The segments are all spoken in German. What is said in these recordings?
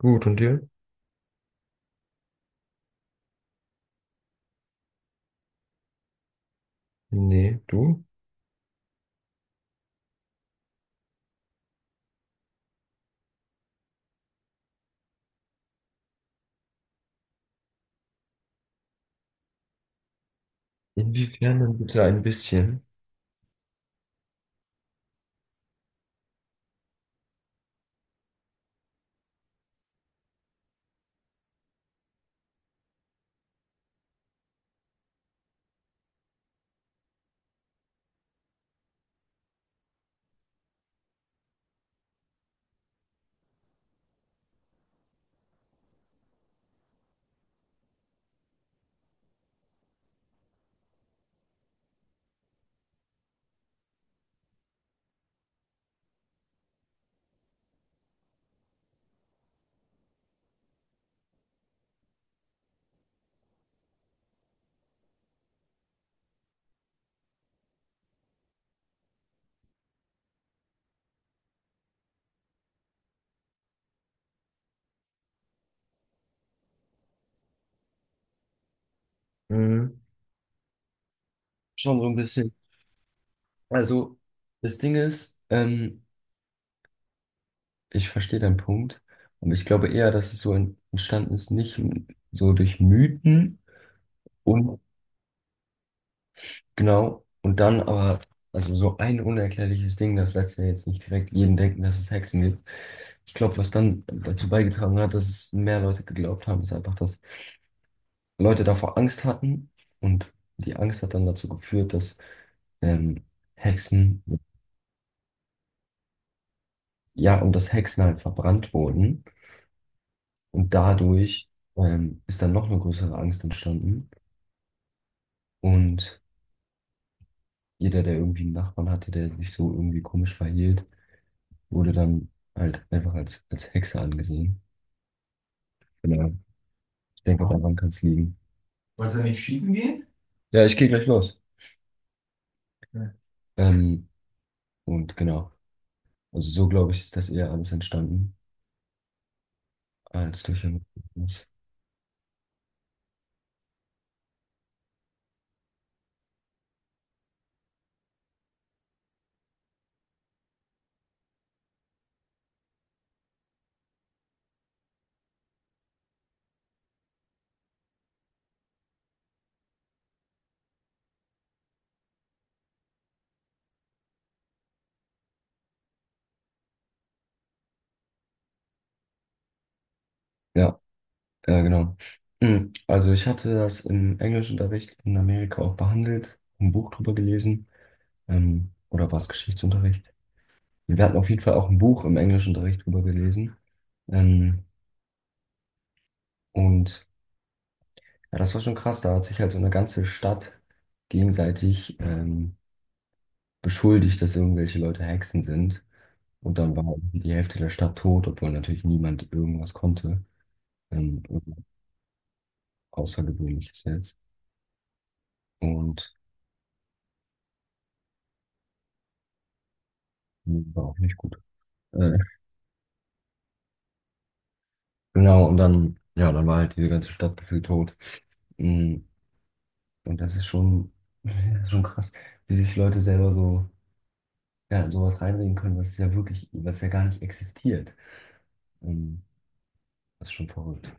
Gut, und dir? Nee, du? Inwiefern dann bitte ein bisschen? Mhm. Schon so ein bisschen. Also, das Ding ist, ich verstehe deinen Punkt. Und ich glaube eher, dass es so entstanden ist, nicht so durch Mythen und genau, und dann aber, also so ein unerklärliches Ding, das lässt ja jetzt nicht direkt jeden denken, dass es Hexen gibt. Ich glaube, was dann dazu beigetragen hat, dass es mehr Leute geglaubt haben, ist einfach, dass Leute davor Angst hatten und die Angst hat dann dazu geführt, dass ähm, Hexen, ja, und dass Hexen halt verbrannt wurden und dadurch ist dann noch eine größere Angst entstanden und jeder, der irgendwie einen Nachbarn hatte, der sich so irgendwie komisch verhielt, wurde dann halt einfach als, als Hexe angesehen. Genau. Ich denke, daran kann es liegen. Wolltest du nicht schießen gehen? Ja, ich gehe gleich los. Ja. Ähm, und genau, also so glaube ich, ist das eher alles entstanden, als durch ein... Ja, ja, genau. Mm, also ich hatte das im Englischunterricht in Amerika auch behandelt, ein Buch drüber gelesen, oder war es Geschichtsunterricht? Wir hatten auf jeden Fall auch ein Buch im Englischunterricht drüber gelesen. Ähm, und ja, das war schon krass, da hat sich halt so eine ganze Stadt gegenseitig beschuldigt, dass irgendwelche Leute Hexen sind. Und dann war irgendwie die Hälfte der Stadt tot, obwohl natürlich niemand irgendwas konnte. Irgendwas Außergewöhnliches jetzt. Und war auch nicht gut. Äh, Genau, und dann, ja, dann war halt diese ganze Stadt gefühlt tot. Mm, und das ist schon krass, wie sich Leute selber so, ja, in sowas reinreden können, was ja wirklich, was ja gar nicht existiert. Ähm, Das ist schon verrückt.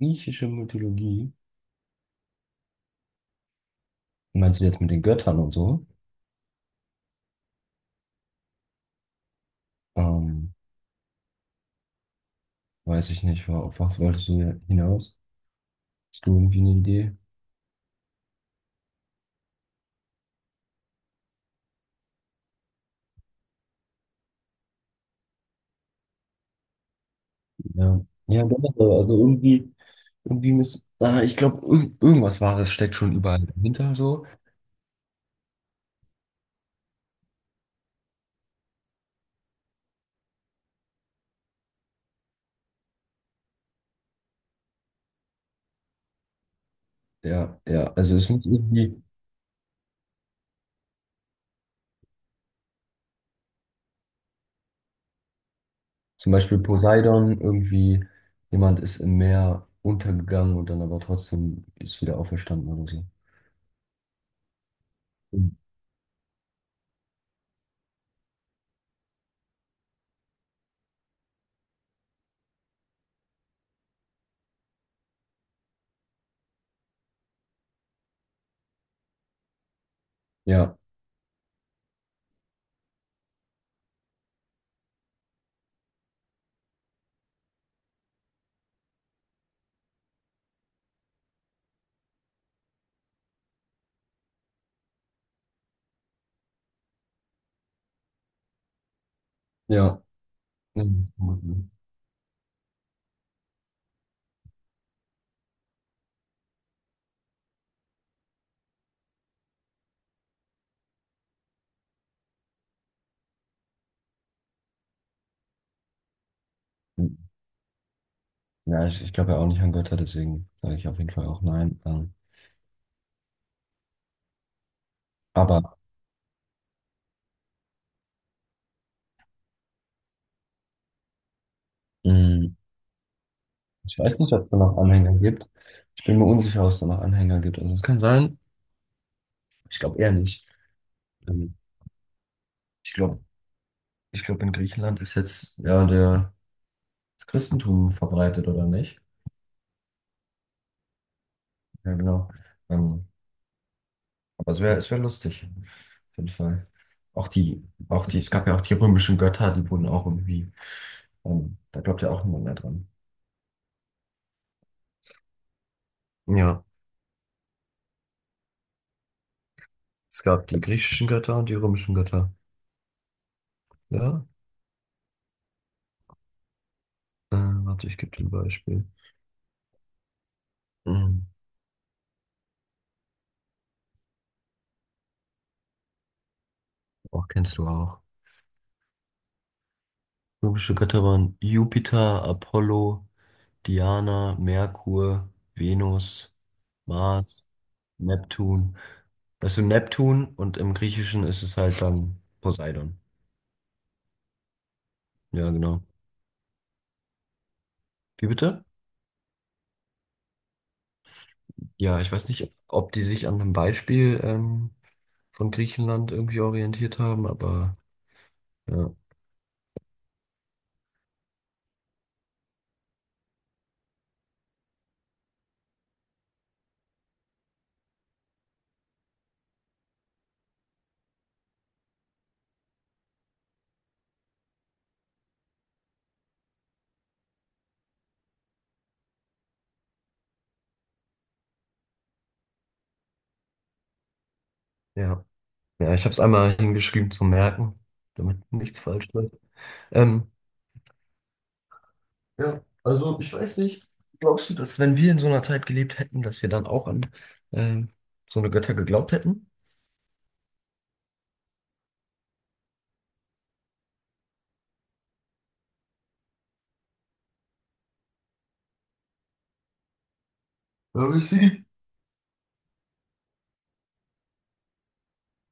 Griechische Mythologie, meinst du jetzt mit den Göttern und so? Ähm, weiß ich nicht, auf was wolltest du hier hinaus? Hast du irgendwie eine Idee? Ja, ja, doch, aber also irgendwie, irgendwie muss, ah, ich glaube, irgendwas Wahres steckt schon überall dahinter, so. Ja, ja, also es muss irgendwie, zum Beispiel Poseidon, irgendwie jemand ist im Meer untergegangen und dann aber trotzdem ist wieder auferstanden oder so. Mhm. Ja, ja. Mhm. Ja, ich glaube ja auch nicht an Götter, deswegen sage ich auf jeden Fall auch nein. Aber mh, ich weiß nicht, ob es da noch Anhänger gibt. Ich bin mir unsicher, ob es da noch Anhänger gibt. Also es kann sein, ich glaube eher nicht. Ähm, Ich glaube, in Griechenland ist jetzt ja der, das Christentum verbreitet, oder nicht? Ja, genau. Ähm, aber es wär lustig, auf jeden Fall. Auch die, auch die, es gab ja auch die römischen Götter, die wurden auch irgendwie, da glaubt ja auch niemand mehr dran. Ja, es gab die griechischen Götter und die römischen Götter. Ja, warte, ich gebe dir ein Beispiel. Mhm. Auch kennst du auch. Römische Götter waren Jupiter, Apollo, Diana, Merkur, Venus, Mars, Neptun. Weißt du, Neptun und im Griechischen ist es halt dann Poseidon. Ja, genau. Wie bitte? Ja, ich weiß nicht, ob die sich an einem Beispiel von Griechenland irgendwie orientiert haben, aber ja, ja. Ja, ich habe es einmal hingeschrieben zum Merken, damit nichts falsch wird. Ähm, ja, also ich weiß nicht. Glaubst du, dass wenn wir in so einer Zeit gelebt hätten, dass wir dann auch an ähm, so eine Götter geglaubt hätten? Ja, wir sehen.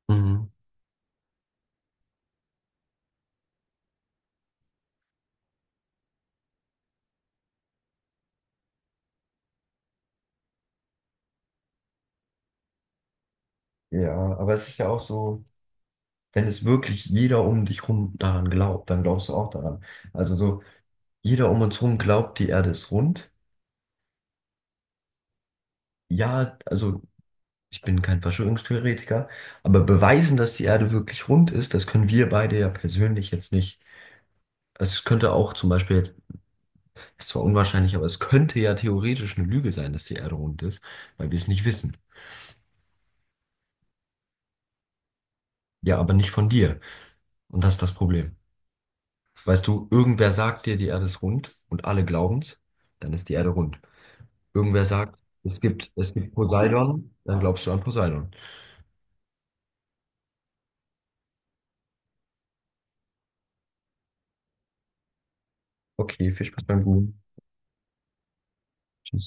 Mhm. Ja, aber es ist ja auch so, wenn es wirklich jeder um dich rum daran glaubt, dann glaubst du auch daran. Also so, jeder um uns herum glaubt, die Erde ist rund. Ja, also ich bin kein Verschwörungstheoretiker, aber beweisen, dass die Erde wirklich rund ist, das können wir beide ja persönlich jetzt nicht. Es könnte auch zum Beispiel jetzt, ist zwar unwahrscheinlich, aber es könnte ja theoretisch eine Lüge sein, dass die Erde rund ist, weil wir es nicht wissen. Ja, aber nicht von dir. Und das ist das Problem. Weißt du, irgendwer sagt dir, die Erde ist rund und alle glauben's, dann ist die Erde rund. Irgendwer sagt, es gibt Poseidon, dann glaubst du an Poseidon. Okay, viel Spaß beim Googlen. Tschüss.